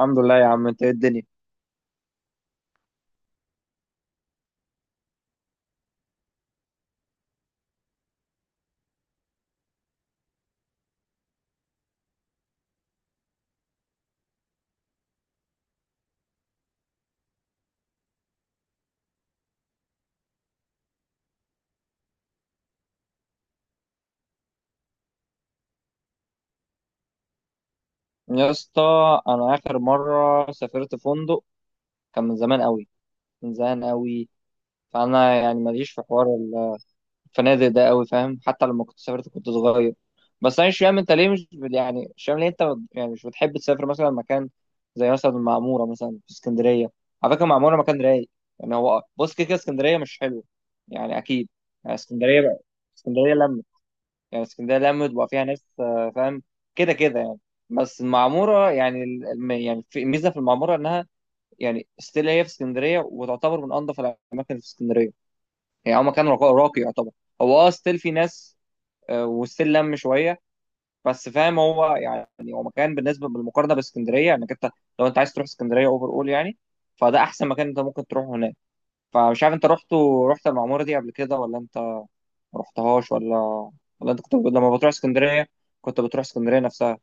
الحمد لله يا عم، انت ايه الدنيا؟ يا اسطى، انا اخر مره سافرت فندق كان من زمان قوي، من زمان قوي. فانا يعني ماليش في حوار الفنادق ده قوي، فاهم؟ حتى لما كنت سافرت كنت صغير. بس انا مش فاهم انت ليه مش فاهم ليه انت مش بتحب تسافر مثلا مكان زي مثلا المعموره، مثلا في اسكندريه. على فكره المعموره مكان رايق. يعني هو بص، كده كده اسكندريه مش حلوه، يعني اكيد. يعني اسكندريه بقى اسكندريه لما يعني اسكندريه لما تبقى فيها ناس آه، فاهم؟ كده كده يعني. بس المعموره يعني في ميزه في المعموره انها يعني ستيل هي في اسكندريه، وتعتبر من انظف الاماكن في اسكندريه. يعني هو مكان راقي، راقي يعتبر. هو اه ستيل في ناس آه، وستيل لم شويه، بس فاهم؟ هو يعني هو مكان بالنسبه بالمقارنه باسكندريه، انك يعني انت لو انت عايز تروح اسكندريه اوفر اول يعني. فده احسن مكان انت ممكن تروحه هناك. فمش عارف، انت رحت المعموره دي قبل كده ولا انت ما رحتهاش؟ ولا ولا انت كنت لما بتروح اسكندريه كنت بتروح اسكندريه نفسها؟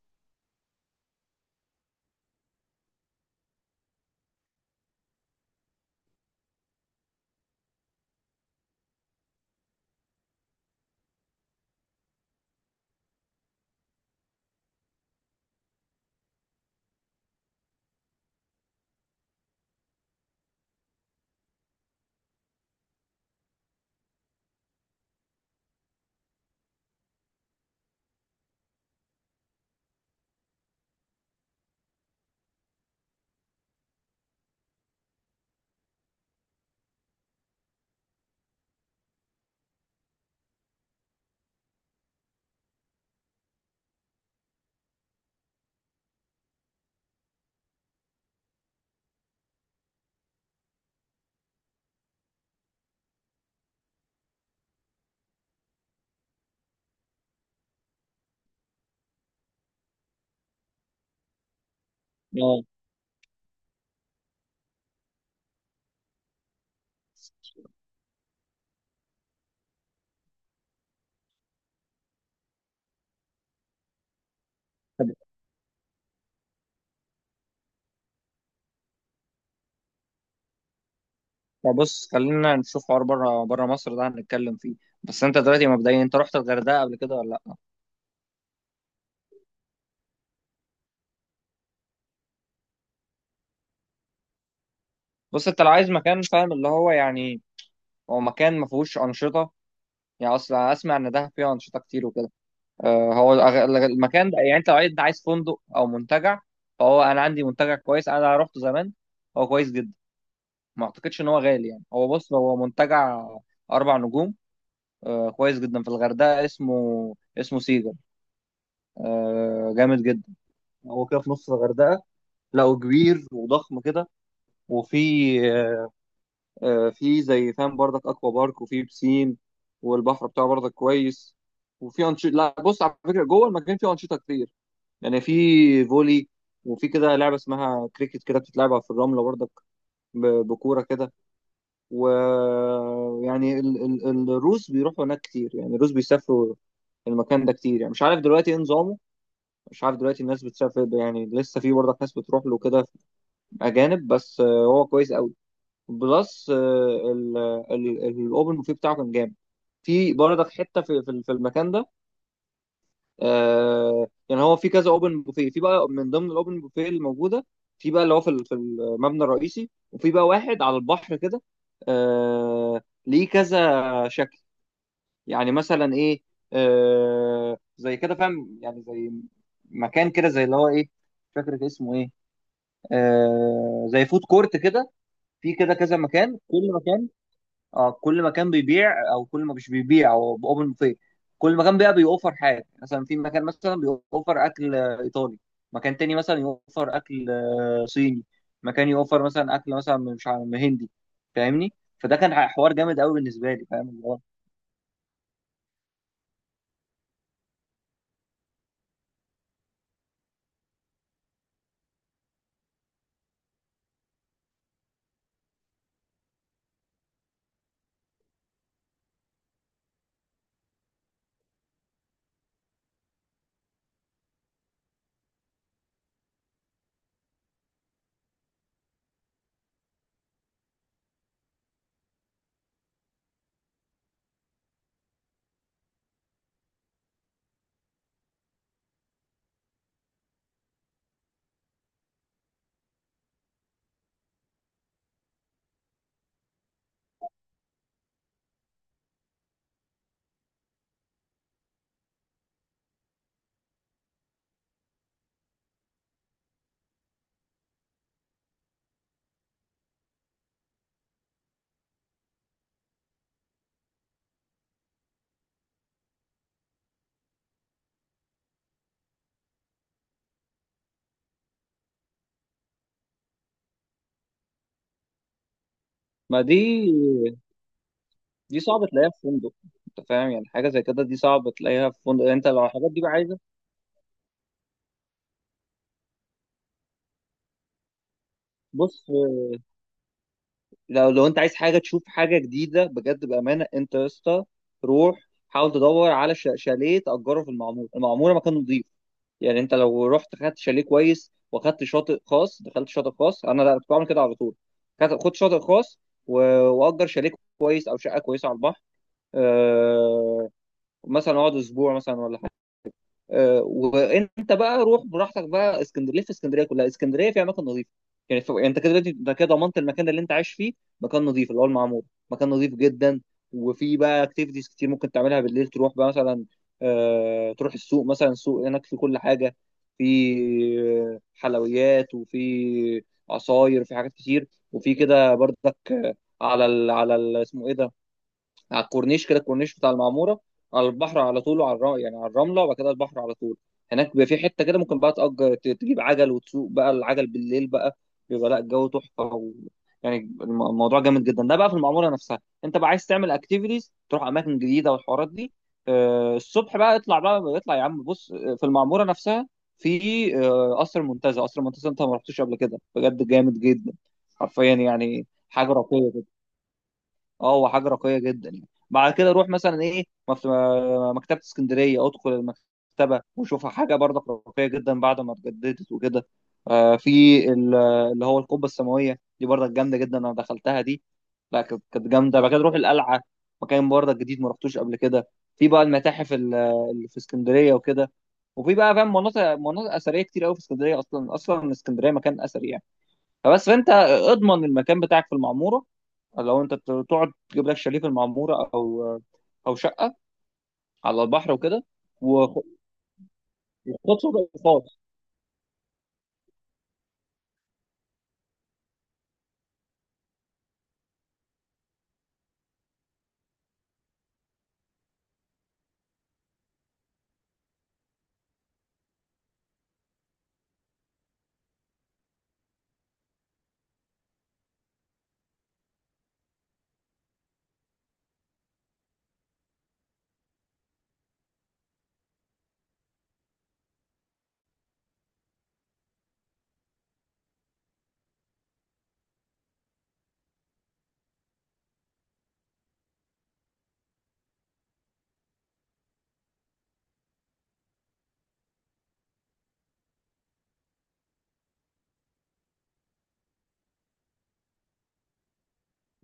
اه. طب طب بص، خلينا نشوف حوار بره مصر ده هنتكلم فيه. بس انت دلوقتي مبدئيا، انت رحت الغردقه قبل كده ولا لا؟ بص، انت لو عايز مكان فاهم اللي هو يعني هو مكان ما فيهوش انشطه، يعني اصلا اسمع ان دهب فيها انشطه كتير وكده. آه، هو المكان ده، يعني انت لو عايز، عايز فندق او منتجع، فهو انا عندي منتجع كويس انا رحته زمان. هو كويس جدا، ما اعتقدش ان هو غالي. يعني هو بص، هو منتجع اربع نجوم، آه كويس جدا، في الغردقه، اسمه سيجا. آه جامد جدا. هو كده في نص الغردقه، لقوا كبير وضخم كده. وفي آه، في زي فاهم بردك اكوا بارك، وفي بسين، والبحر بتاعه بردك كويس. وفي انشطه، لا بص، على فكره جوه المكان فيه انشطه كتير. يعني في فولي، وفي كده لعبه اسمها كريكت كده، بتتلعب في الرمله بردك بكوره كده. ويعني الروس بيروحوا هناك كتير. يعني الروس بيسافروا المكان ده كتير. يعني مش عارف دلوقتي ايه نظامه، مش عارف دلوقتي الناس بتسافر. يعني لسه في برضه ناس بتروح له كده، اجانب بس. آه، هو كويس قوي. بلس آه، الاوبن بوفيه بتاعه كان جامد. في برضك حته في المكان ده. آه يعني هو في كذا اوبن بوفيه. في بقى من ضمن الاوبن بوفيه الموجوده، في بقى اللي هو في المبنى الرئيسي، وفي بقى واحد على البحر كده. آه ليه كذا شكل، يعني مثلا ايه؟ آه، زي كده فاهم، يعني زي مكان كده زي اللي هو ايه، مش فاكر كان اسمه ايه، آه زي فود كورت كده. في كده كذا مكان، كل مكان. اه، كل مكان بيبيع، او كل ما مش بيبيع هو اوبن بوفيه. كل مكان بقى بيوفر حاجه. مثلا في مكان مثلا بيوفر اكل آه، ايطالي، مكان تاني مثلا يوفر اكل آه، صيني، مكان يوفر مثلا اكل مثلا مش عارف من هندي. فاهمني؟ فده كان حوار جامد قوي بالنسبه لي، فاهم اللي هو؟ ما دي صعب تلاقيها في فندق. انت فاهم، يعني حاجه زي كده دي صعب تلاقيها في فندق، انت لو الحاجات دي بقى عايزه. بص، لو انت عايز حاجه تشوف حاجه جديده، بجد بامانه انت يا اسطى، روح حاول تدور على شاليه تاجره في المعموره. المعموره مكان نظيف. يعني انت لو رحت خدت شاليه كويس واخدت شاطئ خاص، دخلت شاطئ خاص، انا لا كنت بعمل كده على طول. خد شاطئ خاص، و- واجر شاليه كويس او شقه كويسه على البحر. أه، مثلا اقعد اسبوع مثلا ولا حاجه. آه، وانت بقى روح براحتك بقى اسكندريه، في اسكندريه كلها، اسكندريه في اماكن نظيفه. يعني ف... يعني انت كده دلوقتي، انت كده ضمنت المكان اللي انت عايش فيه، مكان نظيف اللي هو المعمور، مكان نظيف جدا. وفي بقى اكتيفيتيز كتير ممكن تعملها بالليل، تروح بقى مثلا، آه... تروح السوق مثلا، السوق هناك في كل حاجه، في حلويات وفي عصاير وفي حاجات كتير. وفي كده برضك اسمه ايه ده، على الكورنيش كده، الكورنيش بتاع المعموره، على البحر على طول، وعلى على الرمله وبعد كده البحر على طول. هناك بيبقى في حته كده، ممكن بقى تأجر تجيب عجل وتسوق بقى العجل بالليل بقى. بيبقى لا الجو تحفه و... يعني الموضوع جامد جدا ده بقى في المعموره نفسها. انت بقى عايز تعمل اكتيفيتيز، تروح اماكن جديده والحوارات دي، آه الصبح بقى اطلع بقى، اطلع يا عم. بص آه، في المعموره نفسها، في آه، قصر المنتزه، انت ما رحتوش قبل كده؟ بجد جامد جدا، حرفيا يعني حاجه راقيه. اه، هو حاجه راقيه جدا. يعني بعد كده روح مثلا ايه مكتبه اسكندريه، ادخل المكتبه وشوفها، حاجه برضك راقيه جدا بعد ما اتجددت وكده. آه، في اللي هو القبه السماويه، دي برضك جامده جدا، انا دخلتها دي لا كانت جامده. بعد كده روح القلعه، مكان برضك جديد ما رحتوش قبل كده. في بقى اللي في اسكندريه وكده. وفي بقى فاهم مناطق اثريه كتير قوي في اسكندريه، اصلا اسكندريه مكان اثري. فبس، فانت اضمن المكان بتاعك في المعموره، لو انت تقعد تجيب لك شاليه في المعموره، او شقه على البحر وكده. وخ- وخد شغل خاص.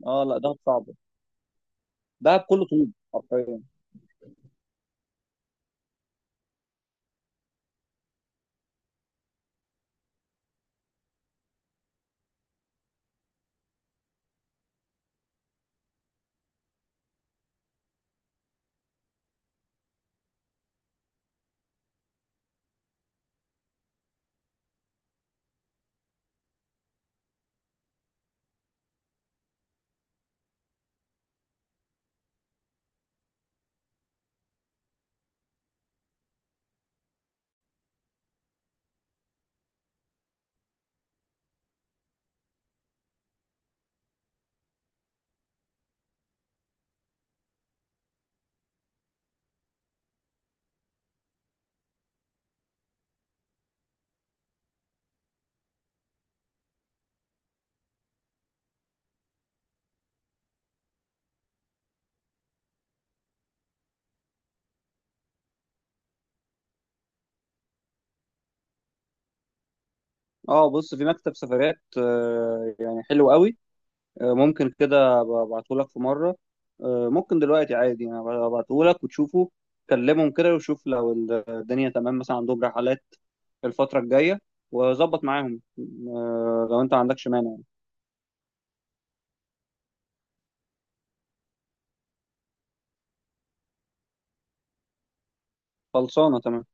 اه لا ده صعب، ده بكل طول حرفيا. اه، بص، في مكتب سفرات آه، يعني حلو قوي، آه، ممكن كده ابعته لك في مره، آه، ممكن دلوقتي عادي، يعني ابعته لك وتشوفه، كلمهم كده وشوف لو الدنيا تمام، مثلا عندهم رحلات الفتره الجايه وظبط معاهم آه، لو انت ما عندكش مانع. خلصانة تمام.